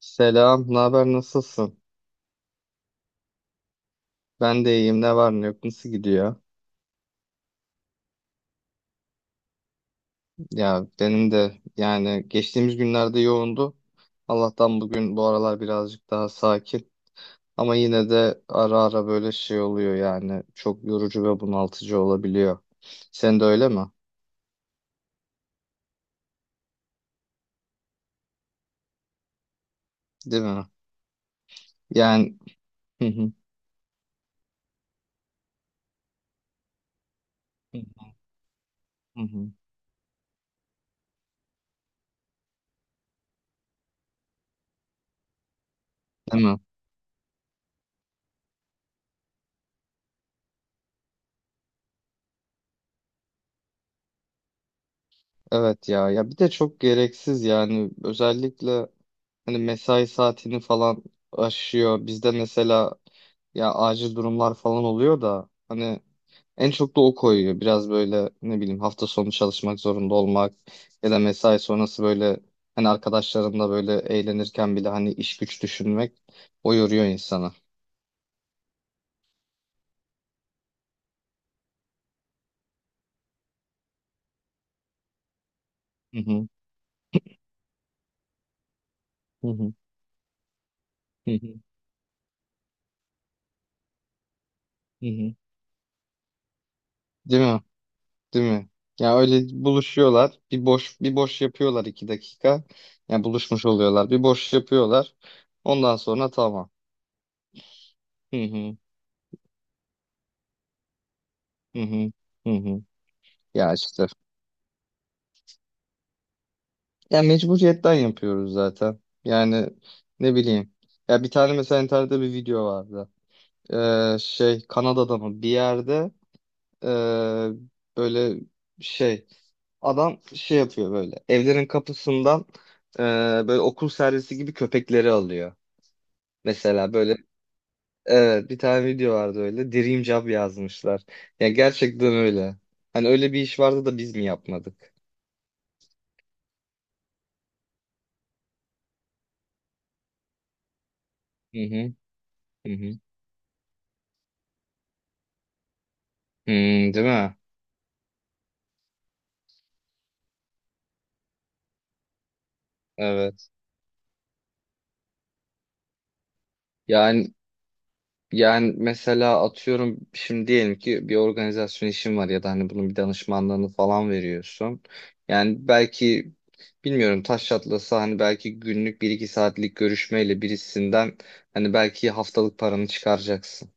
Selam, ne haber, nasılsın? Ben de iyiyim, ne var ne yok, nasıl gidiyor? Ya benim de yani geçtiğimiz günlerde yoğundu. Allah'tan bugün bu aralar birazcık daha sakin. Ama yine de ara ara böyle şey oluyor yani çok yorucu ve bunaltıcı olabiliyor. Sen de öyle mi? Değil mi? Yani. Hı hı. Hı hı. Değil mi? Evet ya, ya bir de çok gereksiz yani özellikle hani mesai saatini falan aşıyor. Bizde mesela ya acil durumlar falan oluyor da hani en çok da o koyuyor. Biraz böyle ne bileyim hafta sonu çalışmak zorunda olmak ya da mesai sonrası böyle hani arkadaşlarınla böyle eğlenirken bile hani iş güç düşünmek o yoruyor insanı. Hı hı. Hı hı. Hı hı. Hı hı. Değil mi? Değil mi? Ya öyle buluşuyorlar. Bir boş bir boş yapıyorlar iki dakika. Ya buluşmuş oluyorlar. Bir boş yapıyorlar. Ondan sonra tamam. Hı hı, hı hı, hı hı. Ya işte. Ya mecburiyetten yapıyoruz zaten. Yani ne bileyim. Ya bir tane mesela internette bir video vardı. Şey Kanada'da mı bir yerde ee, böyle şey adam şey yapıyor böyle evlerin kapısından ee, böyle okul servisi gibi köpekleri alıyor. Mesela böyle evet bir tane video vardı öyle Dream Job yazmışlar. Ya gerçekten öyle. Hani öyle bir iş vardı da biz mi yapmadık? Hı hı, hı hı. Hmm, değil mi? Evet. Yani yani mesela atıyorum şimdi diyelim ki bir organizasyon işin var ya da hani bunun bir danışmanlığını falan veriyorsun. Yani belki bilmiyorum taş çatlasa hani belki günlük bir iki saatlik görüşmeyle birisinden hani belki haftalık paranı çıkaracaksın.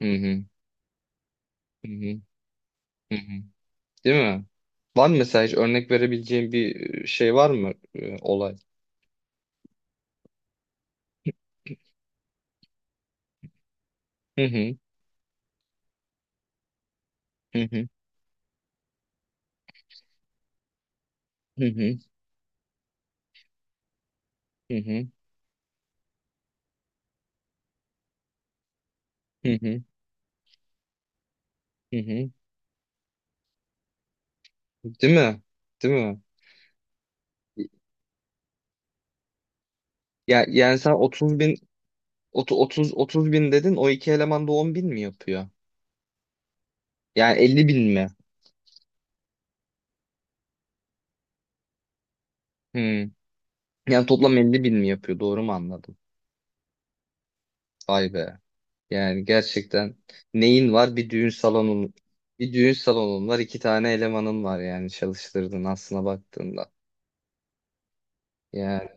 Hı hı. Hı hı. Hı hı. Değil mi? Var mı mesela hiç örnek verebileceğin bir şey var mı olay? Hı hı. Hı hı. Hı hı. Hı hı. Hı hı. Hı hı. Değil mi? Değil mi? Ya, yani sen 30 bin, 30 bin dedin, o iki eleman da 10 bin mi yapıyor? Yani 50 bin mi? Hmm. Yani toplam 50 bin mi yapıyor? Doğru mu anladım? Vay be. Yani gerçekten neyin var? Bir düğün salonun var, iki tane elemanın var yani çalıştırdın aslına baktığında. Yani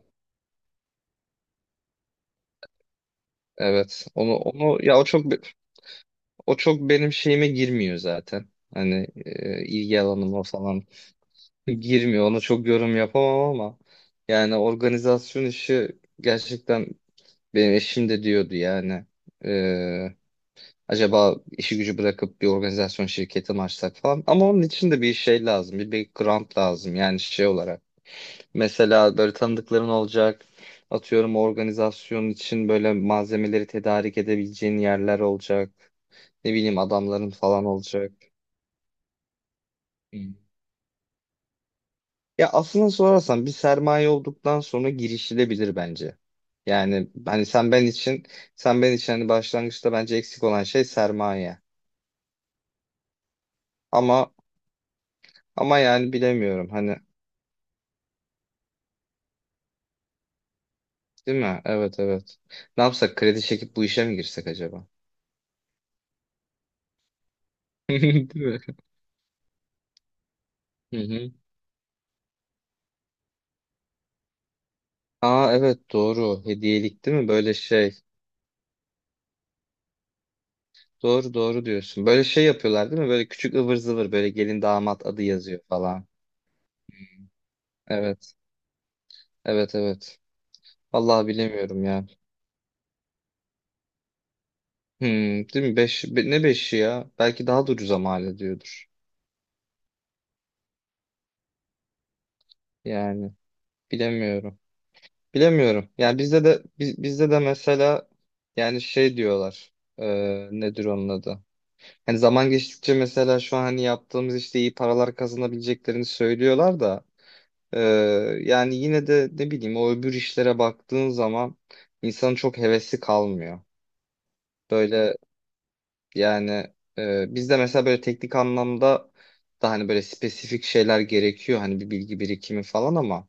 evet. Onu ya o çok, o çok benim şeyime girmiyor zaten. Hani ilgi alanıma falan girmiyor. Ona çok yorum yapamam ama yani organizasyon işi gerçekten benim eşim de diyordu yani. Ee, acaba işi gücü bırakıp bir organizasyon şirketi mi açsak falan. Ama onun için de bir şey lazım. Bir background lazım yani şey olarak. Mesela böyle tanıdıkların olacak. Atıyorum organizasyon için böyle malzemeleri tedarik edebileceğin yerler olacak. Ne bileyim adamların falan olacak. Ya aslında sorarsan bir sermaye olduktan sonra girişilebilir bence. Yani hani sen ben için hani başlangıçta bence eksik olan şey sermaye. Ama, ama yani bilemiyorum hani, değil mi? Evet, evet. Ne yapsak kredi çekip bu işe mi girsek acaba? Değil mi? Hı hı. Aa evet doğru. Hediyelik değil mi? Böyle şey. Doğru, doğru diyorsun. Böyle şey yapıyorlar değil mi? Böyle küçük ıvır zıvır böyle gelin damat adı yazıyor falan. Evet. Evet, evet. Vallahi bilemiyorum ya. Hmm, değil mi? Beş, be- ne beşi ya? Belki daha da ucuza mal ediyordur. Yani bilemiyorum. Bilemiyorum. Yani bizde de mesela yani şey diyorlar. Nedir onun adı? Hani zaman geçtikçe mesela şu an hani yaptığımız işte iyi paralar kazanabileceklerini söylüyorlar da ee, yani yine de ne bileyim o öbür işlere baktığın zaman insanın çok hevesi kalmıyor. Böyle. Yani bizde mesela böyle teknik anlamda da hani böyle spesifik şeyler gerekiyor hani bir bilgi birikimi falan ama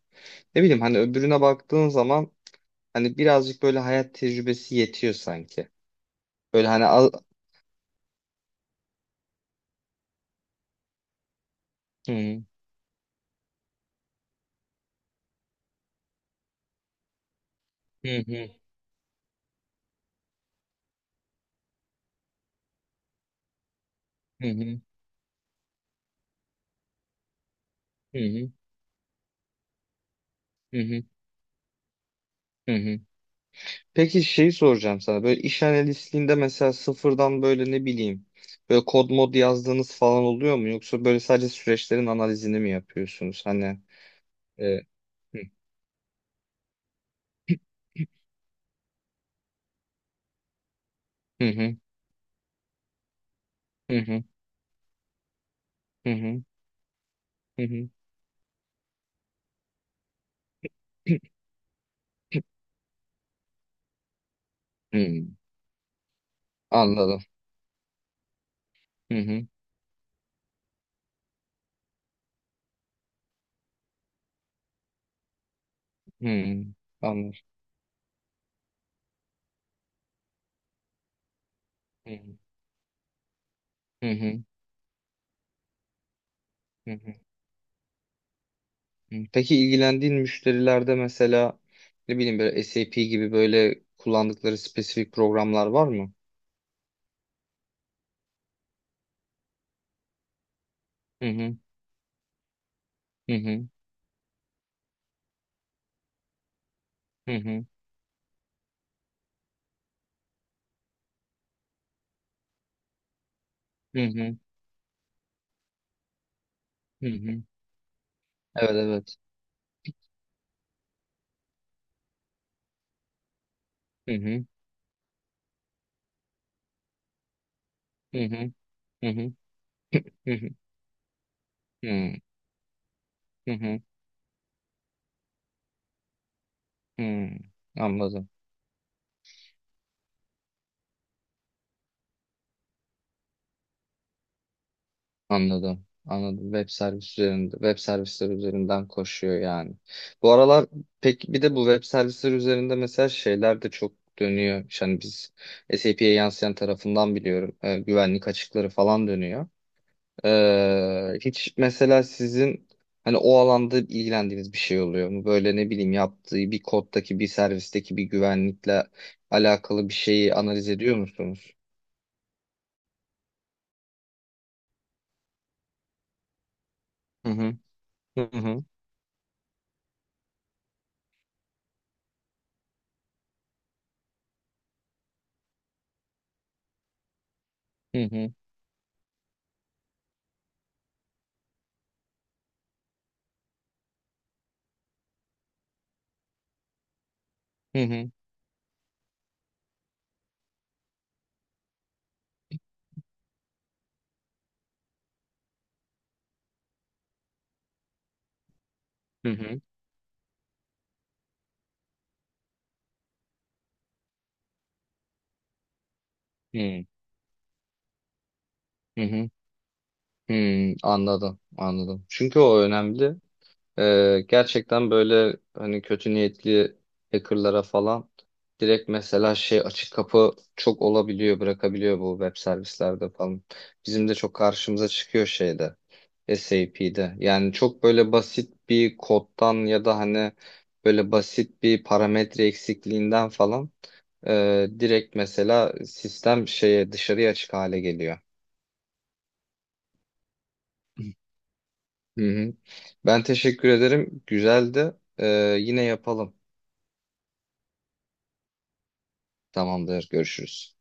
ne bileyim hani öbürüne baktığın zaman hani birazcık böyle hayat tecrübesi yetiyor sanki. Böyle hani al... Hı hı hı hı hı hı hı hı hı. hı hı. Peki şeyi soracağım sana, böyle iş analistliğinde mesela sıfırdan böyle ne bileyim böyle kod mod yazdığınız falan oluyor mu yoksa böyle sadece süreçlerin analizini mi yapıyorsunuz hani? e, hı. Hı hı hı hı Hı hı. Hı hı. Hı, anladım. Hı hı. Hı, anladım. Hı hı. Hı hı. Hı hı. Hı. Peki ilgilendiğin müşterilerde mesela ne bileyim böyle SAP gibi böyle kullandıkları spesifik programlar var mı? Hı hı. Hı hı. Hı hı. Hı hı. Hı hı. Evet, evet. Hı hı. Hı hı. Hı hı. Hı hı. Hı hı. Hı hı. Hı. Anladım. Anladım. Anladım. Web servis üzerinde, web servisler üzerinden koşuyor yani. Bu aralar peki bir de bu web servisler üzerinde mesela şeyler de çok dönüyor. Yani biz SAP'ye yansıyan tarafından biliyorum. Güvenlik açıkları falan dönüyor. Hiç mesela sizin hani o alanda ilgilendiğiniz bir şey oluyor mu? Böyle ne bileyim yaptığı bir koddaki bir servisteki bir güvenlikle alakalı bir şeyi analiz ediyor musunuz? Hı hı. Hı hı. Hı hı. Hı hı. Hı hı. Hı hı. Hı hı. Hmm, anladım, anladım. Çünkü o önemli. Gerçekten böyle hani kötü niyetli hackerlara falan direkt mesela şey açık kapı çok olabiliyor, bırakabiliyor bu web servislerde falan. Bizim de çok karşımıza çıkıyor şeyde, SAP'de. Yani çok böyle basit bir koddan ya da hani böyle basit bir parametre eksikliğinden falan direkt mesela sistem şeye dışarıya açık hale geliyor. Hı hı. Ben teşekkür ederim. Güzeldi. Yine yapalım. Tamamdır. Görüşürüz.